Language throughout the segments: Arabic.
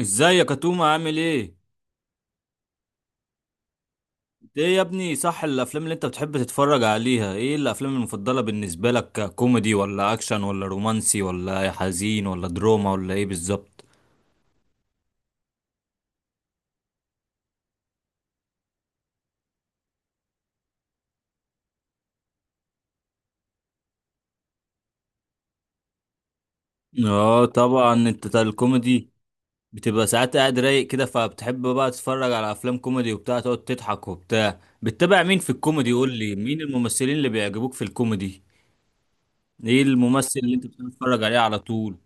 ازاي يا كتوم، عامل ايه؟ انت ايه يا ابني، صح، الافلام اللي انت بتحب تتفرج عليها ايه؟ الافلام المفضله بالنسبه لك كوميدي ولا اكشن ولا رومانسي ولا حزين ولا دراما ولا ايه بالظبط؟ اه طبعا، انت بتاع الكوميدي، بتبقى ساعات قاعد رايق كده فبتحب بقى تتفرج على افلام كوميدي وبتاع، تقعد تضحك وبتاع. بتتابع مين في الكوميدي؟ قول لي مين الممثلين اللي بيعجبوك في الكوميدي. ايه الممثل اللي انت بتتفرج عليه على طول؟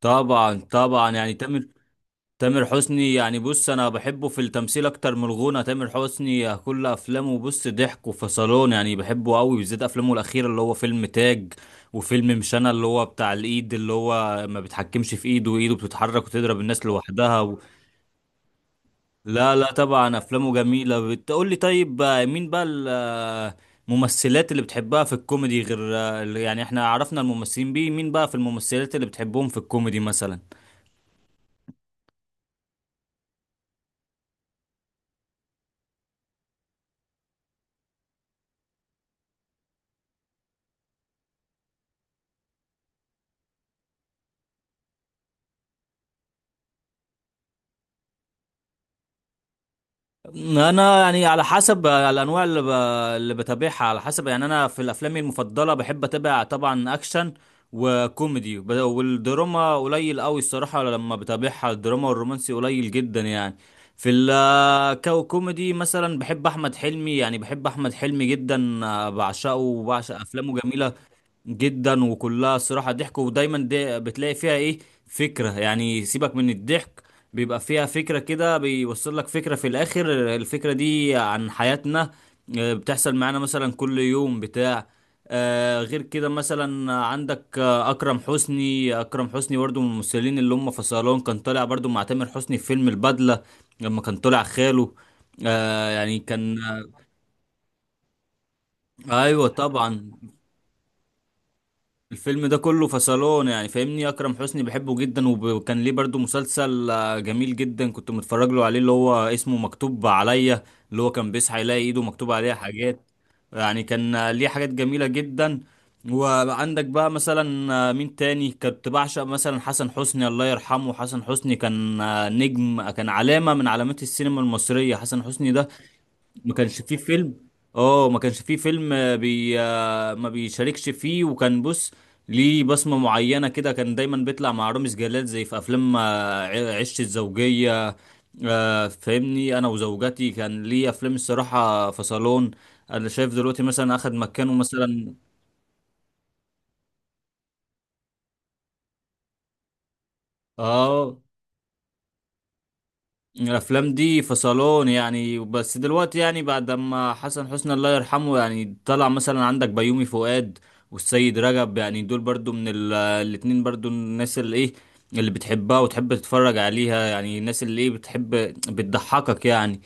طبعا طبعا، يعني تامر. تامر حسني، يعني بص، انا بحبه في التمثيل اكتر من الغنى. تامر حسني كل افلامه بص ضحك وفصلون، يعني بحبه قوي، بالذات افلامه الاخيره اللي هو فيلم تاج، وفيلم مش انا، اللي هو بتاع الايد اللي هو ما بيتحكمش في ايده، وايده بتتحرك وتضرب الناس لوحدها لا، طبعا افلامه جميله، بتقول لي طيب. مين بقى الممثلات اللي بتحبها في الكوميدي غير يعني احنا عرفنا الممثلين، بيه مين بقى في الممثلات اللي بتحبهم في الكوميدي مثلا؟ انا يعني على حسب الانواع اللي اللي بتابعها، على حسب، يعني انا في الافلام المفضله بحب اتابع طبعا اكشن وكوميدي، والدراما قليل قوي الصراحه لما بتابعها، الدراما والرومانسي قليل جدا يعني. في الكوميدي مثلا بحب احمد حلمي، يعني بحب احمد حلمي جدا، بعشقه وبعشق افلامه، جميله جدا، وكلها الصراحة ضحك، ودايما دي بتلاقي فيها ايه؟ فكرة، يعني سيبك من الضحك، بيبقى فيها فكرة كده، بيوصل لك فكرة في الآخر، الفكرة دي عن حياتنا. بتحصل معانا مثلا كل يوم بتاع. غير كده مثلا عندك أكرم حسني. أكرم حسني برضو من الممثلين اللي هم في صالون، كان طالع برضو مع تامر حسني في فيلم البدلة، لما كان طالع خاله. يعني كان، ايوه طبعا، الفيلم ده كله فصلان، يعني فاهمني، اكرم حسني بحبه جدا، وكان ليه برضو مسلسل جميل جدا، كنت متفرج له عليه، اللي هو اسمه مكتوب عليا، اللي هو كان بيصحى يلاقي ايده مكتوب عليها حاجات. يعني كان ليه حاجات جميلة جدا. وعندك بقى مثلا مين تاني كنت بعشق؟ مثلا حسن حسني الله يرحمه، حسن حسني كان نجم، كان علامة من علامات السينما المصرية حسن حسني ده. ما كانش فيه فيلم، آه، بي آه، ما بيشاركش فيه، وكان بص ليه بصمة معينة كده، كان دايما بيطلع مع رامز جلال زي في افلام عشت الزوجية. فاهمني، انا وزوجتي كان ليه افلام الصراحة فصلون. انا شايف دلوقتي مثلا اخد مكانه مثلا. اه، الافلام دي في صالون يعني، بس دلوقتي يعني بعد ما حسن حسني الله يرحمه، يعني طلع مثلا عندك بيومي فؤاد والسيد رجب، يعني دول برضو من الاتنين، برضو الناس اللي ايه، اللي بتحبها وتحب تتفرج عليها، يعني الناس اللي ايه، بتحب بتضحكك يعني.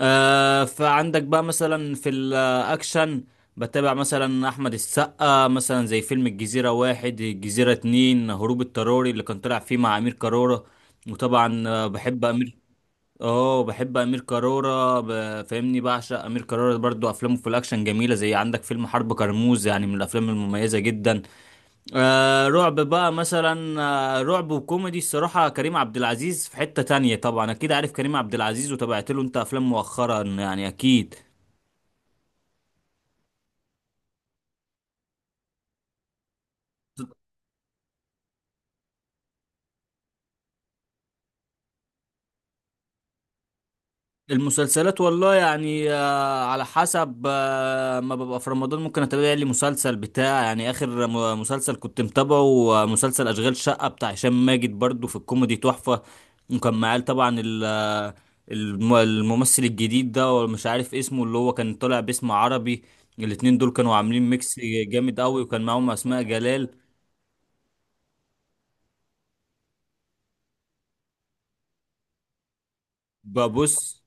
فعندك بقى مثلا في الاكشن بتابع مثلا احمد السقا، مثلا زي فيلم الجزيرة واحد، الجزيرة اتنين، هروب اضطراري اللي كان طلع فيه مع امير كرارة. وطبعا بحب امير. اه بحب امير كرارة، فاهمني بعشق امير كرارة، برضو افلامه في الاكشن جميله، زي عندك فيلم حرب كرموز، يعني من الافلام المميزه جدا. رعب بقى مثلا، رعب وكوميدي، الصراحه كريم عبد العزيز في حته تانية، طبعا اكيد عارف كريم عبد العزيز، وتابعت له انت افلام مؤخرا يعني، اكيد. المسلسلات والله يعني، على حسب، ما ببقى في رمضان ممكن اتابع لي مسلسل بتاع، يعني اخر مسلسل كنت متابعه، مسلسل اشغال شقة بتاع هشام ماجد، برضو في الكوميدي تحفة. وكان معاه طبعا الممثل الجديد ده، ومش عارف اسمه، اللي هو كان طالع باسم عربي. الاتنين دول كانوا عاملين ميكس جامد قوي، وكان معاهم اسماء جلال. ببص.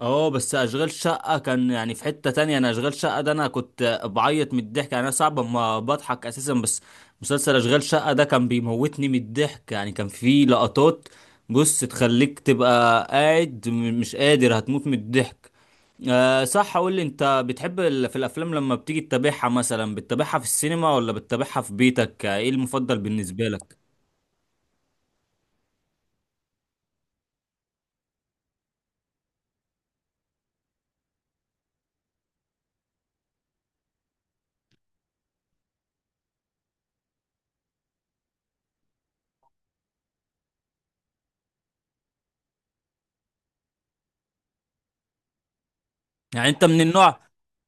اه، بس اشغال شقة كان يعني في حتة تانية، انا اشغال شقة ده انا كنت بعيط من الضحك، يعني انا صعب ما بضحك اساسا، بس مسلسل اشغال شقة ده كان بيموتني من الضحك، يعني كان فيه لقطات بص تخليك تبقى قاعد مش قادر، هتموت من الضحك. أه، صح، قول لي انت بتحب في الافلام لما بتيجي تتابعها مثلا، بتتابعها في السينما ولا بتتابعها في بيتك؟ ايه المفضل بالنسبة لك؟ يعني انت من النوع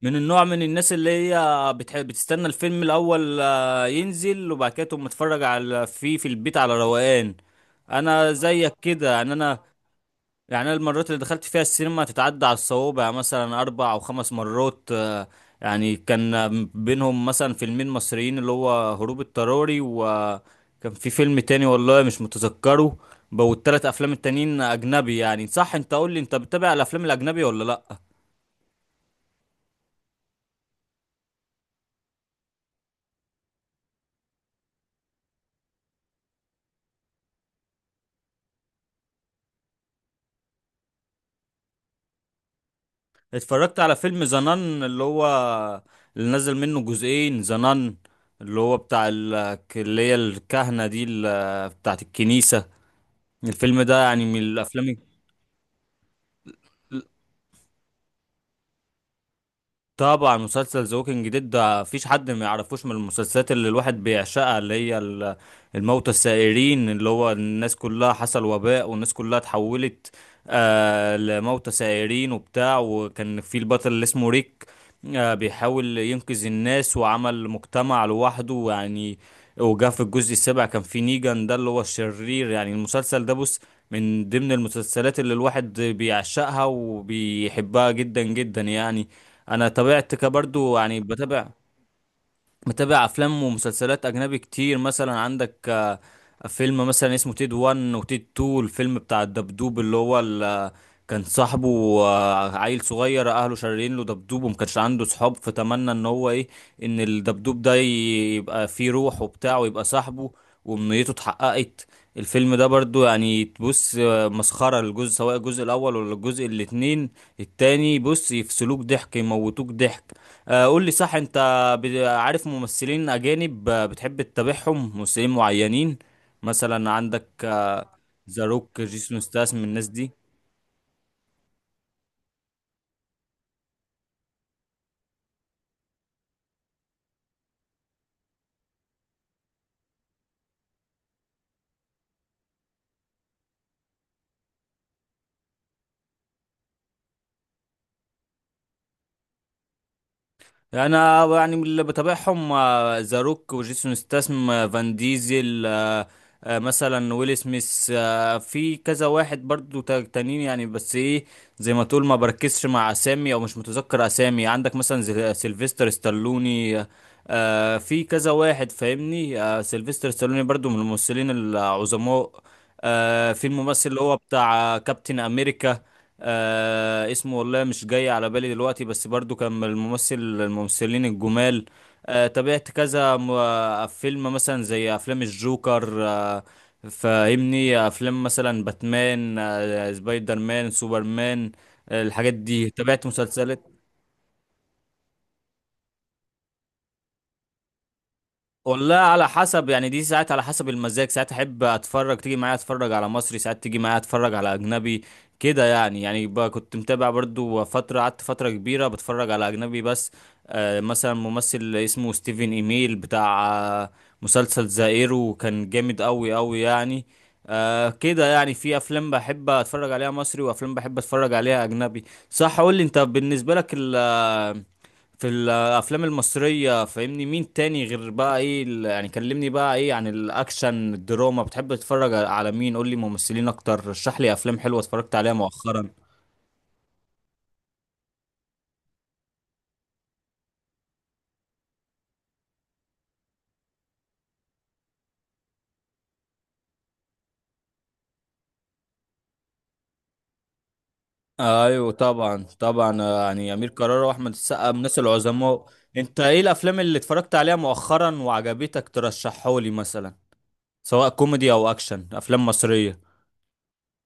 من النوع من الناس اللي هي بتحب بتستنى الفيلم الاول ينزل وبعد كده تقوم متفرج على فيه في البيت على روقان. انا زيك كده يعني انا. يعني انا المرات اللي دخلت فيها السينما تتعدى على الصوابع، يعني مثلا اربع او خمس مرات. يعني كان بينهم مثلا فيلمين مصريين، اللي هو هروب اضطراري، وكان في فيلم تاني والله مش متذكره. والتلات افلام التانيين اجنبي يعني. صح، انت قول لي انت بتتابع الافلام الاجنبي ولا لا؟ اتفرجت على فيلم زنان، اللي هو اللي نزل منه جزئين زنان، اللي هو بتاع اللي هي الكهنة دي، بتاعت الكنيسة. الفيلم ده يعني من الأفلام. طبعا مسلسل ذا ووكينج ديد ده مفيش حد ما يعرفوش، من المسلسلات اللي الواحد بيعشقها، اللي هي الموتى السائرين، اللي هو الناس كلها حصل وباء والناس كلها اتحولت لموتى سائرين وبتاع، وكان في البطل اللي اسمه ريك، بيحاول ينقذ الناس وعمل مجتمع لوحده ويعني، وجا في الجزء السابع كان في نيجان ده اللي هو الشرير، يعني المسلسل ده بص من ضمن المسلسلات اللي الواحد بيعشقها وبيحبها جدا جدا يعني. انا طبيعتي كبرضو يعني بتابع، متابع افلام ومسلسلات اجنبي كتير، مثلا عندك فيلم مثلا اسمه تيد 1 وتيد 2، الفيلم بتاع الدبدوب اللي هو كان صاحبه عيل صغير، اهله شاريين له دبدوب وما كانش عنده صحاب، فتمنى ان هو ايه، ان الدبدوب ده يبقى فيه روح وبتاع ويبقى صاحبه، وامنيته اتحققت. الفيلم ده برضو يعني تبص مسخرة، الجزء سواء الجزء الاول ولا الجزء الاتنين التاني، بص يفصلوك ضحك، يموتوك ضحك. قول لي، صح انت عارف ممثلين أجانب بتحب تتابعهم؟ ممثلين معينين مثلا عندك ذا روك، جيسون ستاثام، الناس دي. انا يعني من اللي بتابعهم ذا روك وجيسون ستاثام، فان ديزل، مثلا ويل سميث، في كذا واحد برضو تانيين يعني، بس ايه، زي ما تقول ما بركزش مع اسامي او مش متذكر اسامي، عندك مثلا سيلفستر ستالوني، في كذا واحد فاهمني، سيلفستر ستالوني برضو من الممثلين العظماء. في الممثل اللي هو بتاع كابتن امريكا. اسمه والله مش جاي على بالي دلوقتي، بس برضو كان من الممثلين الجمال. تابعت كذا فيلم مثلا زي افلام الجوكر فاهمني، افلام مثلا باتمان سبايدر مان، سوبرمان الحاجات دي، تابعت مسلسلات. والله على حسب يعني، دي ساعات على حسب المزاج، ساعات احب اتفرج تيجي معايا اتفرج على مصري، ساعات تيجي معايا اتفرج على اجنبي. كده يعني بقى كنت متابع برضو فترة، قعدت فترة كبيرة بتفرج على اجنبي بس. مثلا ممثل اسمه ستيفن ايميل بتاع آه مسلسل ذا ايرو كان جامد قوي قوي يعني. كده يعني، في افلام بحب اتفرج عليها مصري وافلام بحب اتفرج عليها اجنبي. صح، قول لي انت بالنسبة لك في الافلام المصريه فاهمني مين تاني غير بقى ايه يعني كلمني بقى ايه، عن الاكشن الدراما بتحب تتفرج على مين؟ قول لي ممثلين اكتر، رشح لي افلام حلوه اتفرجت عليها مؤخرا. ايوه طبعا طبعا، يعني امير كرارة واحمد السقا من الناس العظماء. انت ايه الافلام اللي اتفرجت عليها مؤخرا وعجبتك ترشحه لي مثلا، سواء كوميدي او اكشن افلام مصريه؟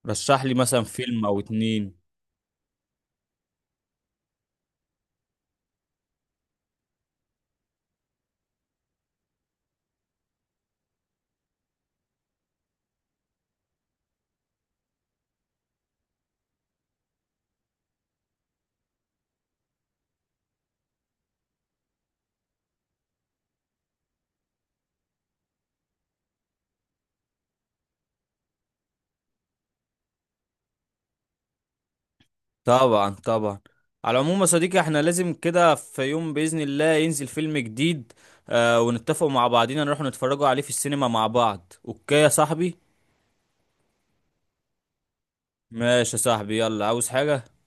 رشح لي مثلا فيلم او اتنين. طبعا طبعا، على العموم يا صديقي، احنا لازم كده في يوم بإذن الله ينزل فيلم جديد. اه، ونتفق مع بعضينا نروح نتفرجوا عليه في السينما مع بعض. اوكي يا صاحبي. ماشي يا صاحبي، يلا عاوز حاجة؟